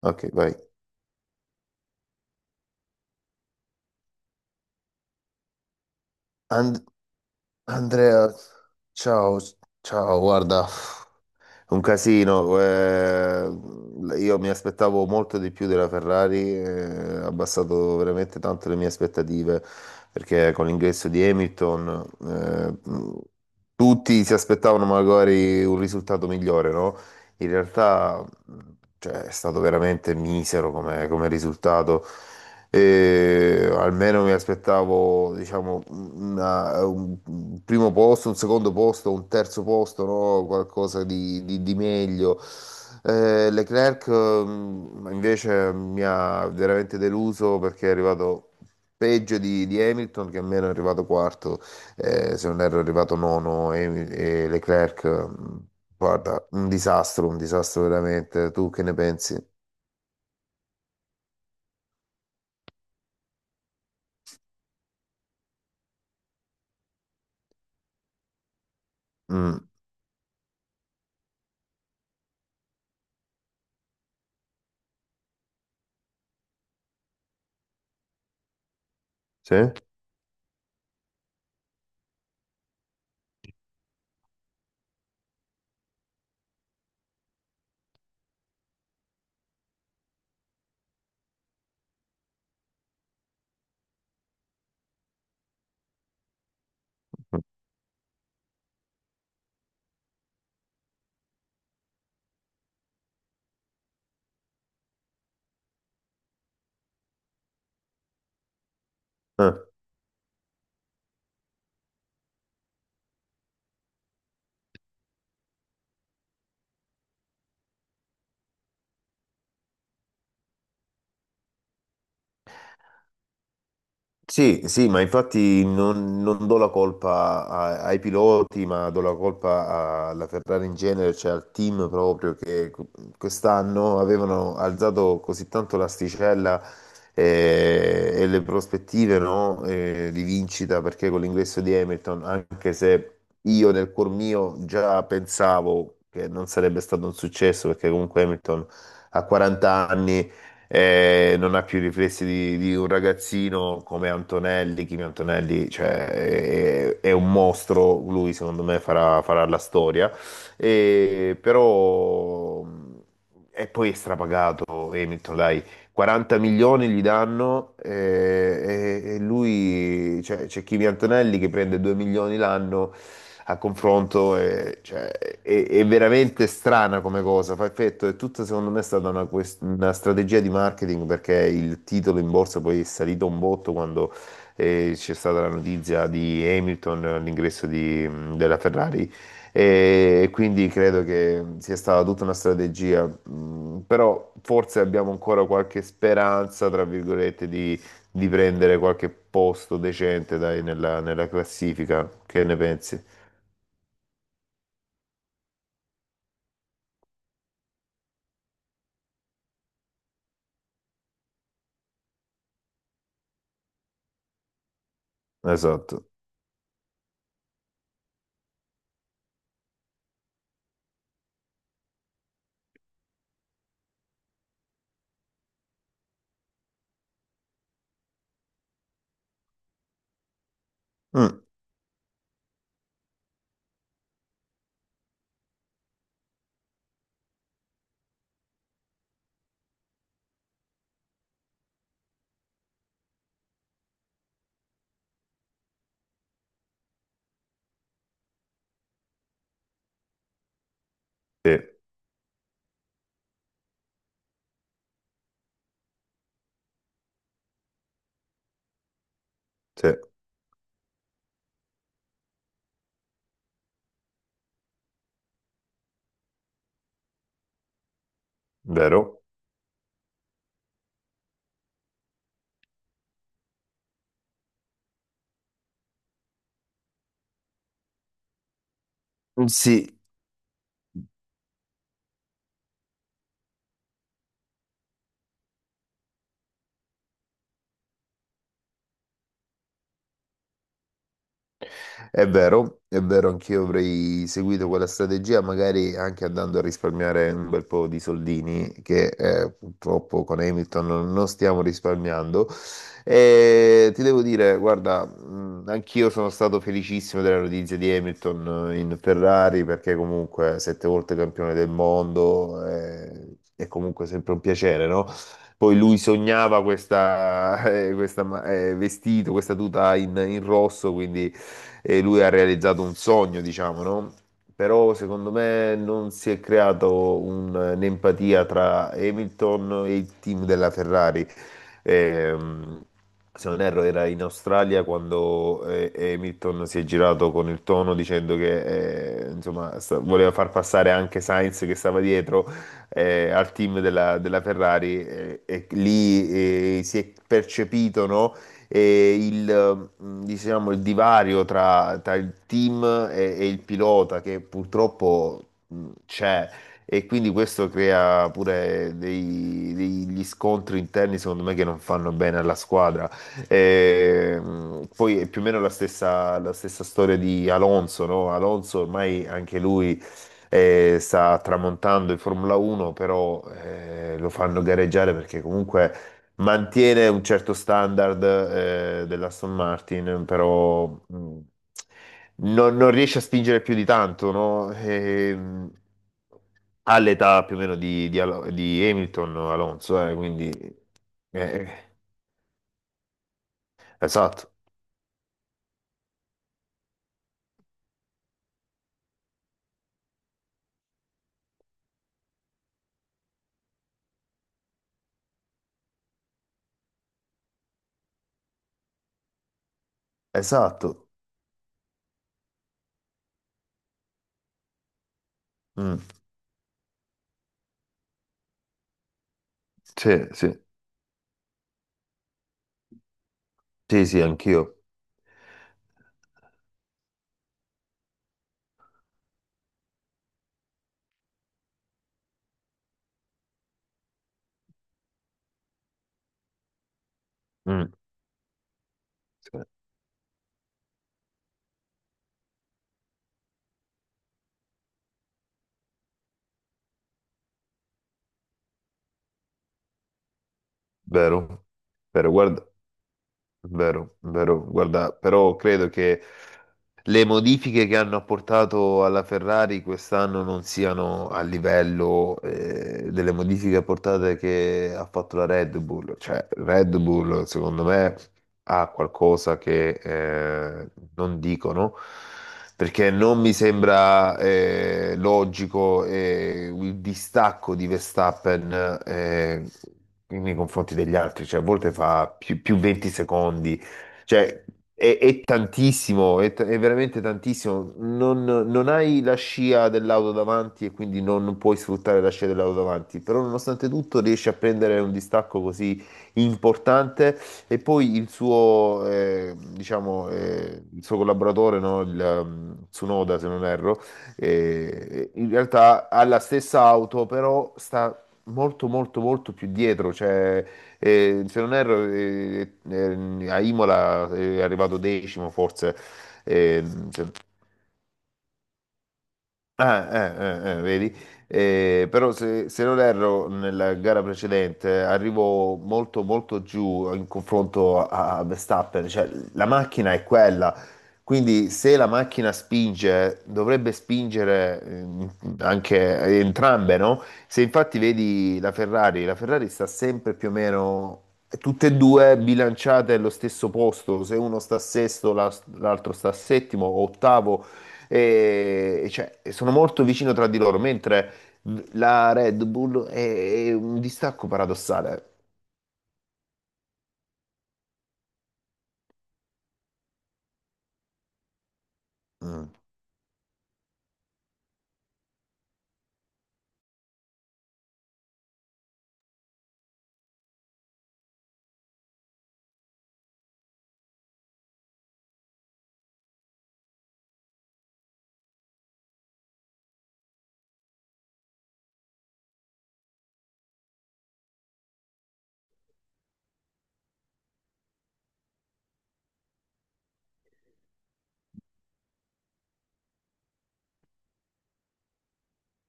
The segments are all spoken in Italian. Ok, vai. And- Andrea, ciao, ciao, guarda, un casino. Io mi aspettavo molto di più della Ferrari, ha abbassato veramente tanto le mie aspettative, perché con l'ingresso di Hamilton, tutti si aspettavano magari un risultato migliore, no? In realtà cioè, è stato veramente misero come, come risultato. E almeno mi aspettavo, diciamo, un primo posto, un secondo posto, un terzo posto, no? Qualcosa di, di meglio. Leclerc invece mi ha veramente deluso perché è arrivato peggio di Hamilton, che almeno è arrivato quarto, se non erro è arrivato nono e Leclerc. Guarda, un disastro veramente. Tu che ne pensi? Mm. Sì? Eh. Sì, sì, ma infatti non, non do la colpa ai piloti, ma do la colpa alla Ferrari in genere, cioè al team proprio che quest'anno avevano alzato così tanto l'asticella, e, le prospettive, no, di vincita, perché con l'ingresso di Hamilton, anche se io nel cuor mio già pensavo che non sarebbe stato un successo, perché comunque Hamilton ha 40 anni, non ha più i riflessi di un ragazzino come Antonelli. Kimi Antonelli, cioè, è un mostro, lui secondo me farà, farà la storia. E, però, e poi è strapagato Hamilton, dai, 40 milioni gli danno, e lui, cioè, c'è Kimi Antonelli che prende 2 milioni l'anno a confronto, cioè, è veramente strana come cosa, fa effetto, è tutta secondo me è stata una, una strategia di marketing perché il titolo in borsa poi è salito un botto quando, c'è stata la notizia di Hamilton, l'ingresso della Ferrari e quindi credo che sia stata tutta una strategia, però forse abbiamo ancora qualche speranza, tra virgolette, di prendere qualche posto decente, dai, nella, nella classifica. Che ne pensi? Esatto. Mm, sì, sì, vero. Sì, è vero, è vero, anch'io avrei seguito quella strategia, magari anche andando a risparmiare un bel po' di soldini, che purtroppo con Hamilton non non stiamo risparmiando. E ti devo dire, guarda, anch'io sono stato felicissimo della notizia di Hamilton, in Ferrari, perché comunque sette volte campione del mondo, è comunque sempre un piacere, no? Poi lui sognava questa, questa vestito, questa tuta in in rosso, quindi e lui ha realizzato un sogno, diciamo, no? Però secondo me non si è creato un'empatia tra Hamilton e il team della Ferrari. Ehm, Se non erro, era in Australia quando Hamilton si è girato con il tono dicendo che insomma, voleva far passare anche Sainz che stava dietro, al team della, della Ferrari, e lì si è percepito, no? E il, diciamo, il divario tra, tra il team e il pilota che purtroppo c'è e quindi questo crea pure degli scontri interni secondo me che non fanno bene alla squadra. E, poi è più o meno la stessa storia di Alonso, no? Alonso ormai anche lui, sta tramontando in Formula 1, però lo fanno gareggiare perché comunque mantiene un certo standard, dell'Aston Martin, però non, non riesce a spingere più di tanto, no? E, all'età più o meno di di Hamilton o Alonso, quindi eh, esatto, esatto. Mm, sì, sì, sì, sì, anch'io. Mm, sì, vero, vero, guarda, vero, vero, guarda, però credo che le modifiche che hanno apportato alla Ferrari quest'anno non siano a livello delle modifiche apportate che ha fatto la Red Bull. Cioè, Red Bull, secondo me, ha qualcosa che non dicono. Perché non mi sembra logico il distacco di Verstappen, nei confronti degli altri, cioè a volte fa più, più 20 secondi, cioè, è tantissimo, è, è veramente tantissimo. Non, non hai la scia dell'auto davanti e quindi non puoi sfruttare la scia dell'auto davanti, però nonostante tutto riesci a prendere un distacco così importante e poi il suo, diciamo, il suo collaboratore, no, il, Tsunoda, se non erro, in realtà ha la stessa auto, però sta molto molto molto più dietro, cioè se non erro, a Imola è arrivato decimo, forse, eh, se- ah, vedi? Però se, se non erro nella gara precedente arrivo molto molto giù in confronto a, a Verstappen, cioè la macchina è quella, quindi se la macchina spinge dovrebbe spingere, anche entrambe, no? Se infatti vedi la Ferrari sta sempre più o meno tutte e due bilanciate allo stesso posto, se uno sta sesto l'altro sta settimo o ottavo e cioè, sono molto vicino tra di loro, mentre la Red Bull è un distacco paradossale. Mm.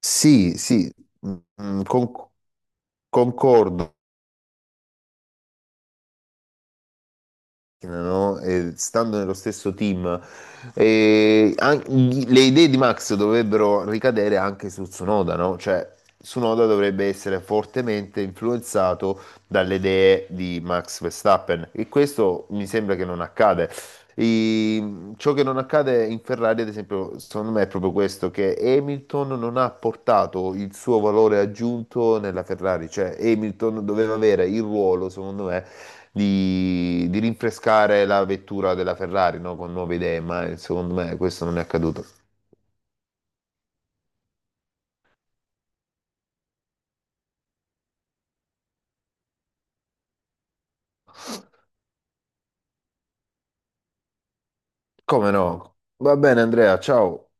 Sì, sì, mm, mm, concordo. No? E stando nello stesso team, e le idee di Max dovrebbero ricadere anche su Tsunoda, no? Cioè, Tsunoda dovrebbe essere fortemente influenzato dalle idee di Max Verstappen e questo mi sembra che non accade. Ciò che non accade in Ferrari, ad esempio, secondo me è proprio questo, che Hamilton non ha portato il suo valore aggiunto nella Ferrari, cioè Hamilton doveva avere il ruolo, secondo me, di rinfrescare la vettura della Ferrari, no? Con nuove idee, ma secondo me questo non è accaduto. Come no? Va bene, Andrea, ciao.